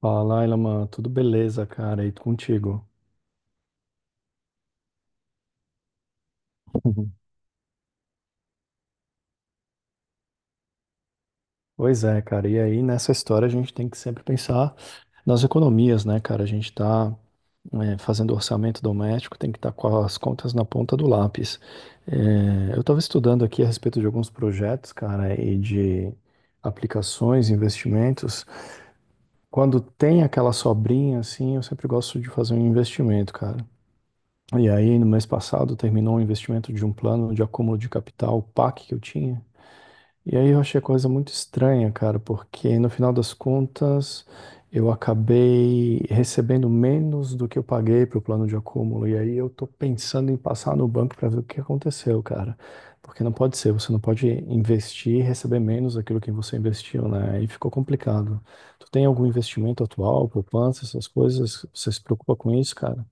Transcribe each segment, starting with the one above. Fala, Ilaman, tudo beleza, cara? E contigo? Uhum. Pois é, cara. E aí, nessa história, a gente tem que sempre pensar nas economias, né, cara? A gente está fazendo orçamento doméstico, tem que estar com as contas na ponta do lápis. É, eu estava estudando aqui a respeito de alguns projetos, cara, e de aplicações, investimentos. Quando tem aquela sobrinha, assim, eu sempre gosto de fazer um investimento, cara. E aí, no mês passado, terminou um investimento de um plano de acúmulo de capital, PAC, que eu tinha. E aí eu achei a coisa muito estranha, cara, porque no final das contas eu acabei recebendo menos do que eu paguei pro plano de acúmulo. E aí eu tô pensando em passar no banco para ver o que aconteceu, cara. Porque não pode ser, você não pode investir e receber menos daquilo que você investiu, né? E ficou complicado. Tu tem algum investimento atual, poupança, essas coisas? Você se preocupa com isso, cara?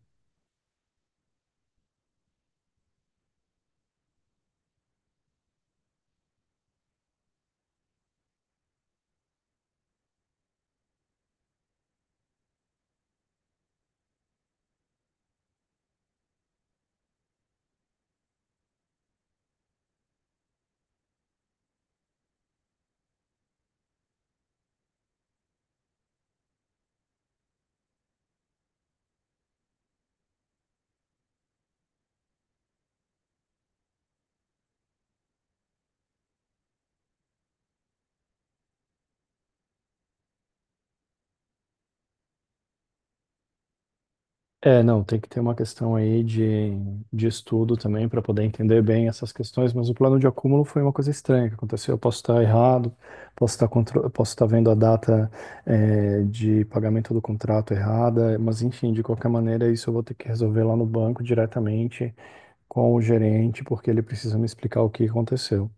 É, não, tem que ter uma questão aí de estudo também para poder entender bem essas questões, mas o plano de acúmulo foi uma coisa estranha que aconteceu. Eu posso estar errado, posso estar, posso estar vendo a data, de pagamento do contrato errada, mas enfim, de qualquer maneira, isso eu vou ter que resolver lá no banco diretamente com o gerente, porque ele precisa me explicar o que aconteceu.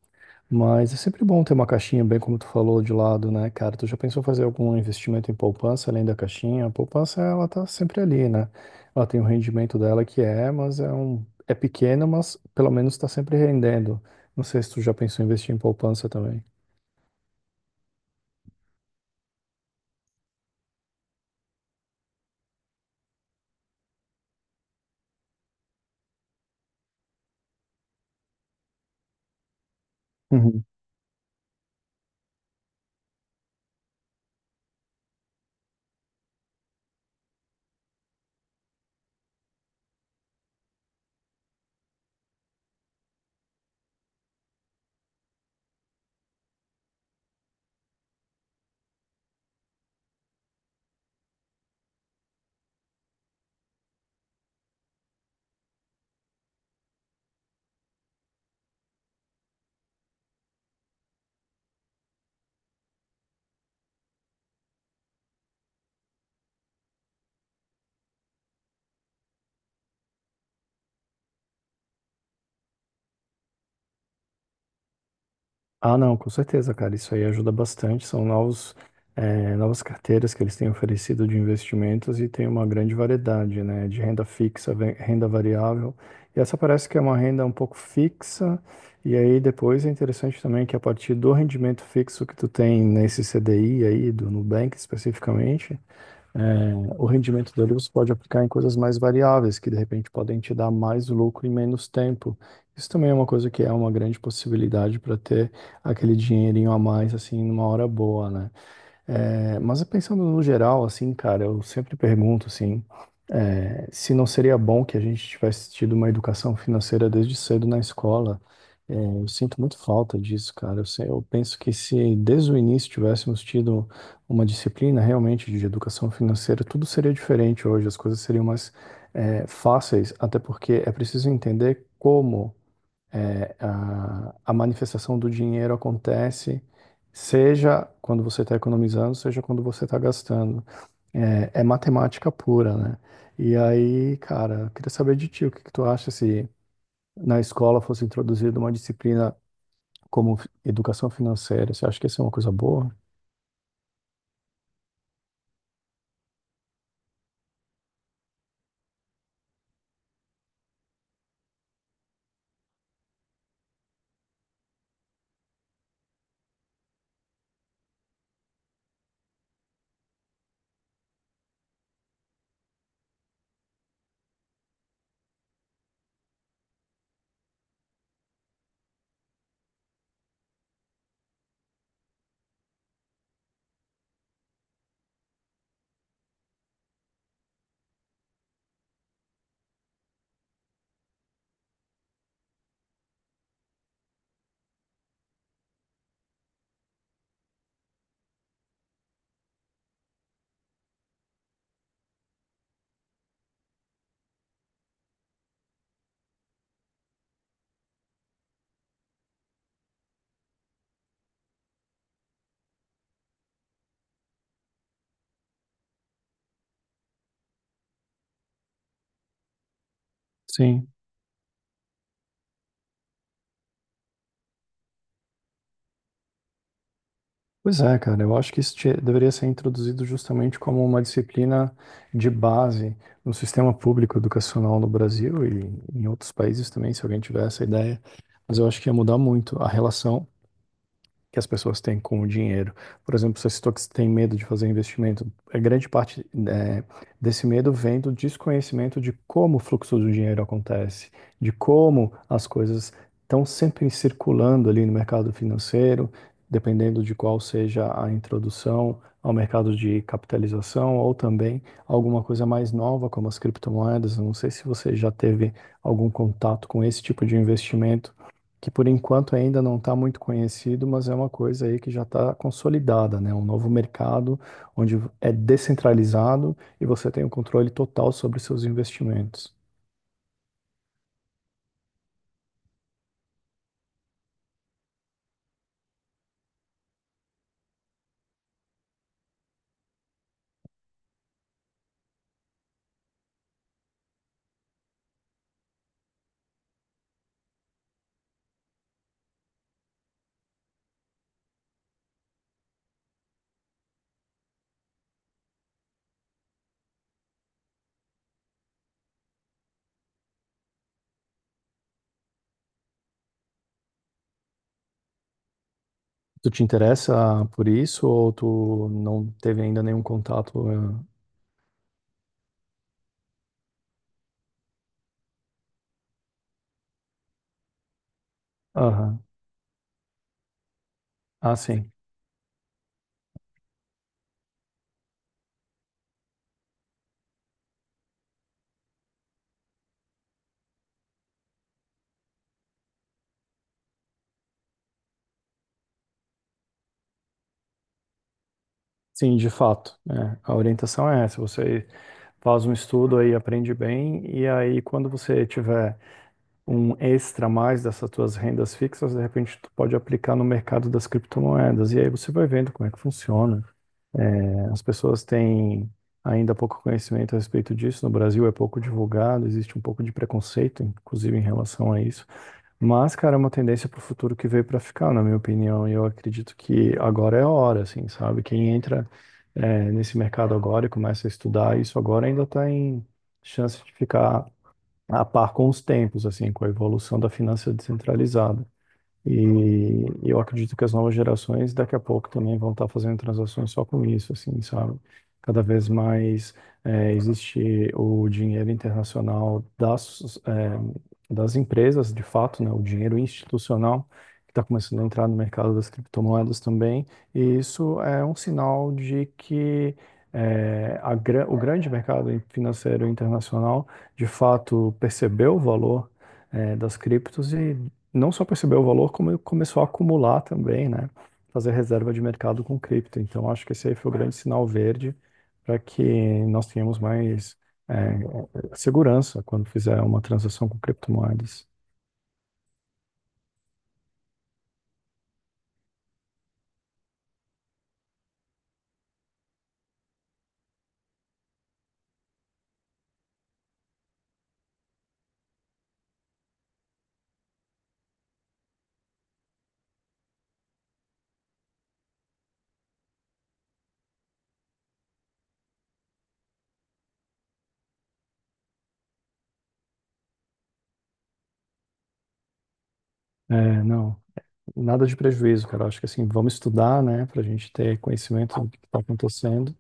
Mas é sempre bom ter uma caixinha, bem como tu falou, de lado, né, cara? Tu já pensou fazer algum investimento em poupança além da caixinha? A poupança, ela tá sempre ali, né? Ela tem o rendimento dela que é, mas é um pequeno, mas pelo menos tá sempre rendendo. Não sei se tu já pensou em investir em poupança também. Ah, não, com certeza, cara. Isso aí ajuda bastante. São novos, novas carteiras que eles têm oferecido de investimentos e tem uma grande variedade, né? De renda fixa, renda variável. E essa parece que é uma renda um pouco fixa. E aí depois é interessante também que a partir do rendimento fixo que tu tem nesse CDI aí, do Nubank especificamente, o rendimento dele você pode aplicar em coisas mais variáveis, que de repente podem te dar mais lucro em menos tempo. Isso também é uma coisa que é uma grande possibilidade para ter aquele dinheirinho a mais, assim, numa hora boa, né? É, mas pensando no geral, assim, cara, eu sempre pergunto, assim, é, se não seria bom que a gente tivesse tido uma educação financeira desde cedo na escola. É, eu sinto muito falta disso, cara. Eu, eu penso que se desde o início tivéssemos tido uma disciplina realmente de educação financeira, tudo seria diferente hoje, as coisas seriam mais, é, fáceis, até porque é preciso entender como. É, a manifestação do dinheiro acontece, seja quando você está economizando, seja quando você está gastando. É, é matemática pura, né? E aí, cara, eu queria saber de ti, o que que tu acha se na escola fosse introduzida uma disciplina como educação financeira? Você acha que isso é uma coisa boa? Sim. Pois é, cara, eu acho que deveria ser introduzido justamente como uma disciplina de base no sistema público educacional no Brasil e em outros países também, se alguém tiver essa ideia. Mas eu acho que ia mudar muito a relação que as pessoas têm com o dinheiro. Por exemplo, você citou que você tem medo de fazer investimento. A grande parte, né, desse medo vem do desconhecimento de como o fluxo do dinheiro acontece, de como as coisas estão sempre circulando ali no mercado financeiro, dependendo de qual seja a introdução ao mercado de capitalização ou também alguma coisa mais nova, como as criptomoedas. Eu não sei se você já teve algum contato com esse tipo de investimento que por enquanto ainda não está muito conhecido, mas é uma coisa aí que já está consolidada, né? Um novo mercado onde é descentralizado e você tem o controle total sobre os seus investimentos. Tu te interessa por isso ou tu não teve ainda nenhum contato? Eh? Aham. Ah, sim. Sim, de fato. É. A orientação é essa. Você faz um estudo aí, aprende bem, e aí quando você tiver um extra a mais dessas tuas rendas fixas, de repente tu pode aplicar no mercado das criptomoedas. E aí você vai vendo como é que funciona. É, as pessoas têm ainda pouco conhecimento a respeito disso. No Brasil é pouco divulgado, existe um pouco de preconceito, inclusive em relação a isso. Mas, cara, é uma tendência para o futuro que veio para ficar, na minha opinião. E eu acredito que agora é a hora, assim, sabe? Quem entra, é, nesse mercado agora e começa a estudar isso agora ainda está em chance de ficar a par com os tempos, assim, com a evolução da finança descentralizada. E eu acredito que as novas gerações daqui a pouco também vão estar fazendo transações só com isso, assim, sabe? Cada vez mais existe o dinheiro internacional das, das empresas, de fato, né? O dinheiro institucional que está começando a entrar no mercado das criptomoedas também. E isso é um sinal de que o grande mercado financeiro internacional, de fato, percebeu o valor das criptos e não só percebeu o valor, como ele começou a acumular também, né? Fazer reserva de mercado com cripto. Então, acho que esse aí foi o grande sinal verde para que nós tenhamos mais é, segurança quando fizer uma transação com criptomoedas. É, não. Nada de prejuízo, cara. Acho que assim, vamos estudar, né, para a gente ter conhecimento do que está acontecendo,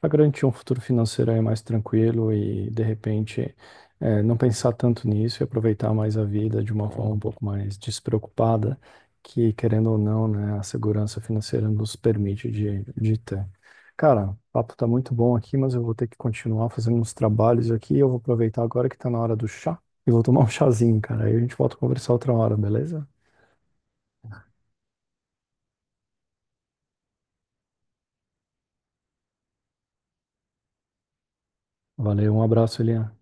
para garantir um futuro financeiro aí mais tranquilo e, de repente, não pensar tanto nisso e aproveitar mais a vida de uma forma um pouco mais despreocupada, que, querendo ou não, né, a segurança financeira nos permite de ter. Cara, o papo tá muito bom aqui, mas eu vou ter que continuar fazendo uns trabalhos aqui. Eu vou aproveitar agora que tá na hora do chá e vou tomar um chazinho, cara. Aí a gente volta a conversar outra hora, beleza? Valeu, um abraço, Elian.